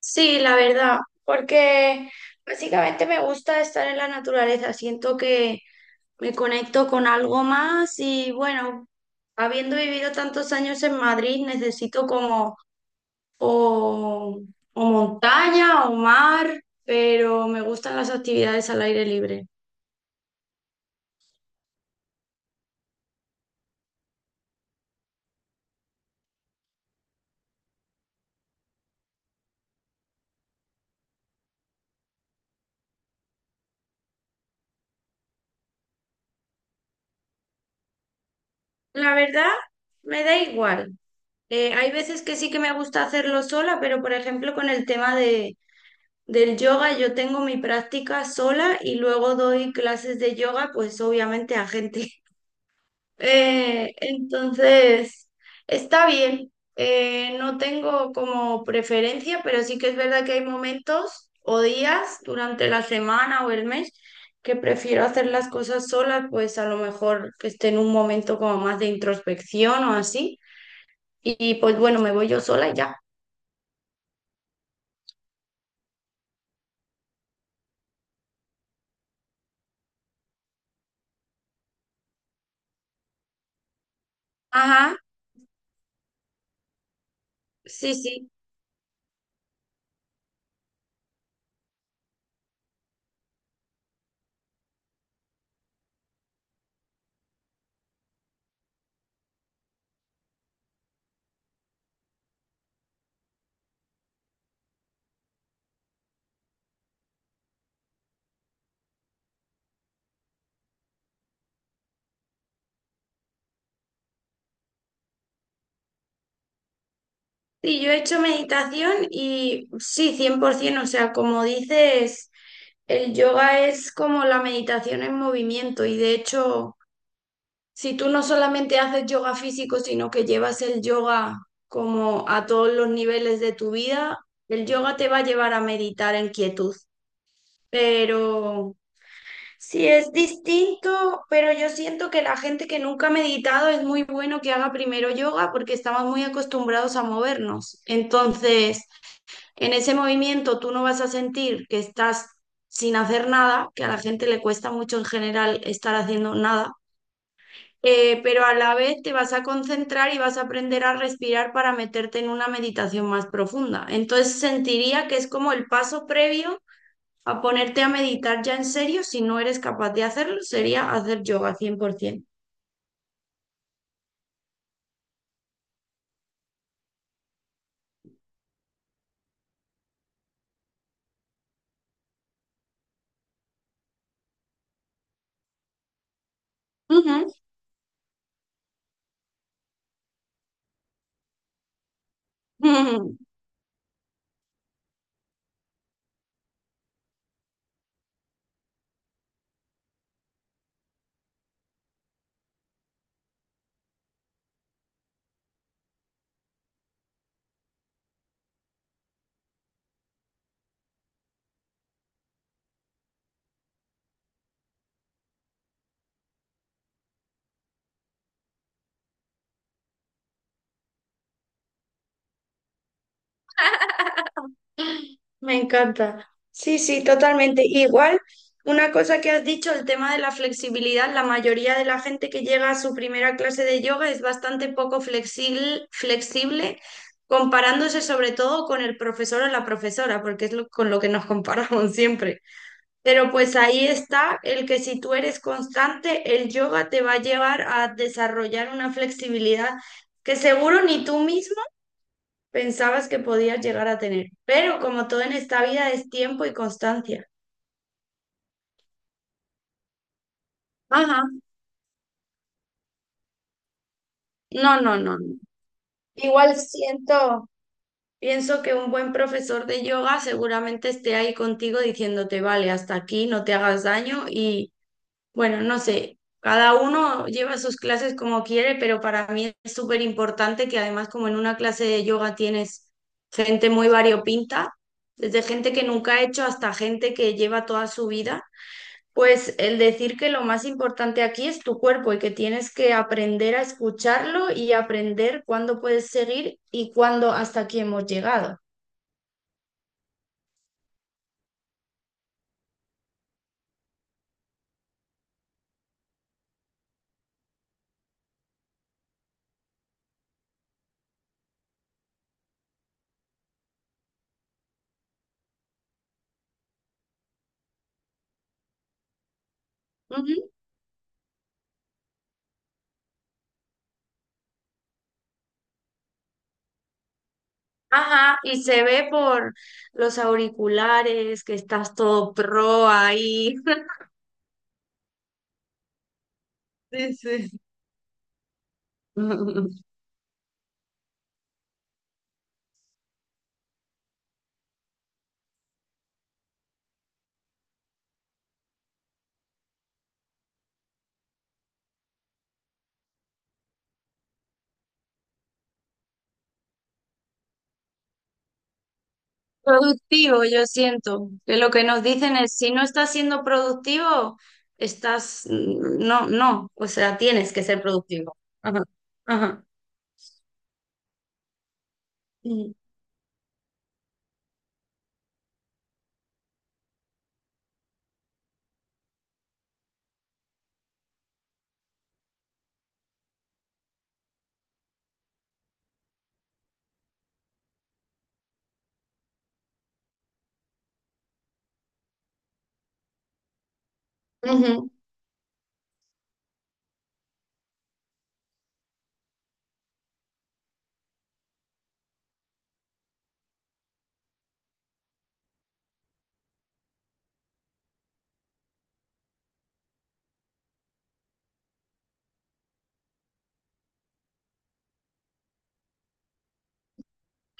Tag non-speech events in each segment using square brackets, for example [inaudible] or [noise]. Sí, la verdad, porque básicamente me gusta estar en la naturaleza, siento que me conecto con algo más y bueno, habiendo vivido tantos años en Madrid, necesito como o, o montaña o mar, pero me gustan las actividades al aire libre. La verdad, me da igual. Hay veces que sí que me gusta hacerlo sola, pero por ejemplo con el tema de del yoga yo tengo mi práctica sola y luego doy clases de yoga, pues obviamente a gente. [laughs] Entonces, está bien. No tengo como preferencia, pero sí que es verdad que hay momentos o días durante la semana o el mes que prefiero hacer las cosas sola, pues a lo mejor que esté en un momento como más de introspección o así. Y pues bueno, me voy yo sola y ya. Ajá, sí, sí. Sí, yo he hecho meditación y sí, 100%, o sea, como dices, el yoga es como la meditación en movimiento y, de hecho, si tú no solamente haces yoga físico, sino que llevas el yoga como a todos los niveles de tu vida, el yoga te va a llevar a meditar en quietud. Pero sí es distinto, pero yo siento que la gente que nunca ha meditado es muy bueno que haga primero yoga porque estamos muy acostumbrados a movernos. Entonces, en ese movimiento tú no vas a sentir que estás sin hacer nada, que a la gente le cuesta mucho en general estar haciendo nada, pero a la vez te vas a concentrar y vas a aprender a respirar para meterte en una meditación más profunda. Entonces sentiría que es como el paso previo a ponerte a meditar ya en serio. Si no eres capaz de hacerlo, sería hacer yoga 100%. Ujú. [laughs] Me encanta. Sí, sí, totalmente. Igual, una cosa que has dicho, el tema de la flexibilidad, la mayoría de la gente que llega a su primera clase de yoga es bastante poco flexible, flexible, comparándose sobre todo con el profesor o la profesora, porque es con lo que nos comparamos [laughs] siempre. Pero pues ahí está el que si tú eres constante, el yoga te va a llevar a desarrollar una flexibilidad que seguro ni tú mismo pensabas que podías llegar a tener. Pero como todo en esta vida, es tiempo y constancia. Ajá. No, no, no, no. Igual siento, pienso que un buen profesor de yoga seguramente esté ahí contigo diciéndote, vale, hasta aquí, no te hagas daño y bueno, no sé. Cada uno lleva sus clases como quiere, pero para mí es súper importante que, además, como en una clase de yoga tienes gente muy variopinta, desde gente que nunca ha hecho hasta gente que lleva toda su vida. Pues el decir que lo más importante aquí es tu cuerpo y que tienes que aprender a escucharlo y aprender cuándo puedes seguir y cuándo hasta aquí hemos llegado. Ujú. Ajá, y se ve por los auriculares que estás todo pro ahí. [laughs] Sí, sí. [laughs] Productivo, yo siento que lo que nos dicen es, si no estás siendo productivo, estás, no, no, o sea, tienes que ser productivo. Ajá, ajá. Mm.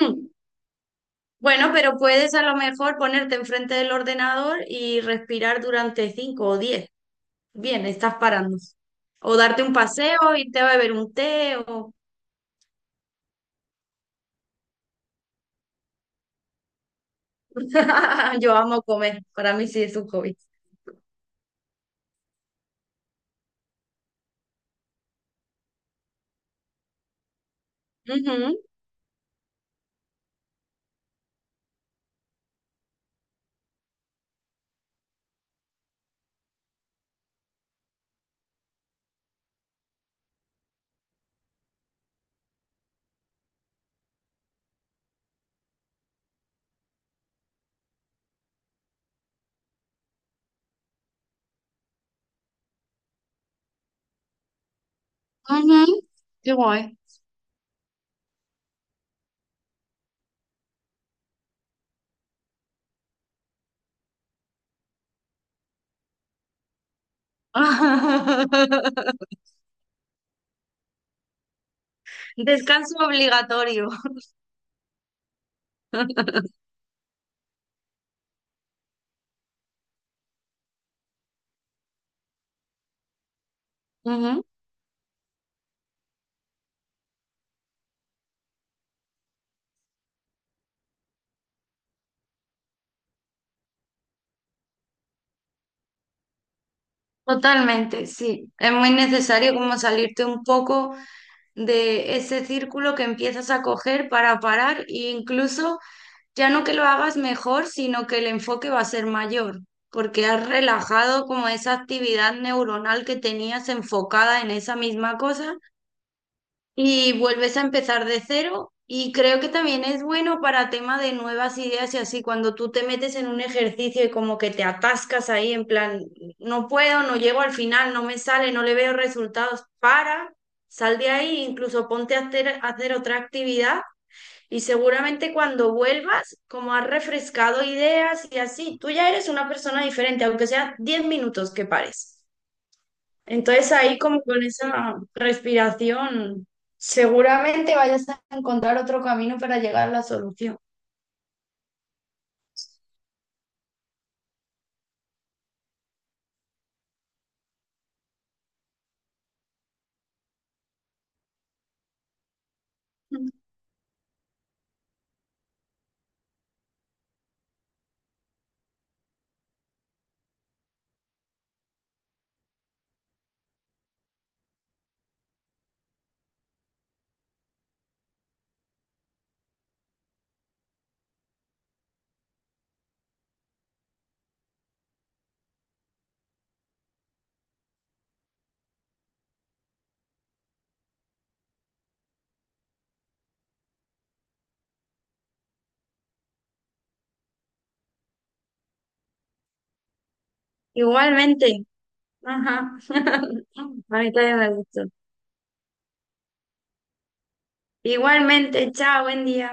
Ujú. Bueno, pero puedes a lo mejor ponerte enfrente del ordenador y respirar durante 5 o 10. Bien, estás parando. O darte un paseo, irte a beber un té o... [laughs] Yo amo comer, para mí sí es un hobby. Ujú, ujú, qué guay. [laughs] Descanso obligatorio. Ujú, totalmente, sí. Es muy necesario como salirte un poco de ese círculo que empiezas a coger para parar e incluso ya no que lo hagas mejor, sino que el enfoque va a ser mayor, porque has relajado como esa actividad neuronal que tenías enfocada en esa misma cosa y vuelves a empezar de cero. Y creo que también es bueno para tema de nuevas ideas y así, cuando tú te metes en un ejercicio y como que te atascas ahí en plan, no puedo, no llego al final, no me sale, no le veo resultados, para, sal de ahí, incluso ponte a hacer otra actividad y seguramente cuando vuelvas, como has refrescado ideas y así, tú ya eres una persona diferente, aunque sea 10 minutos que pares. Entonces ahí, como con esa respiración, seguramente vayas a encontrar otro camino para llegar a la solución. Igualmente. Ajá. [laughs] A mí también me gustó. Igualmente, chao, buen día.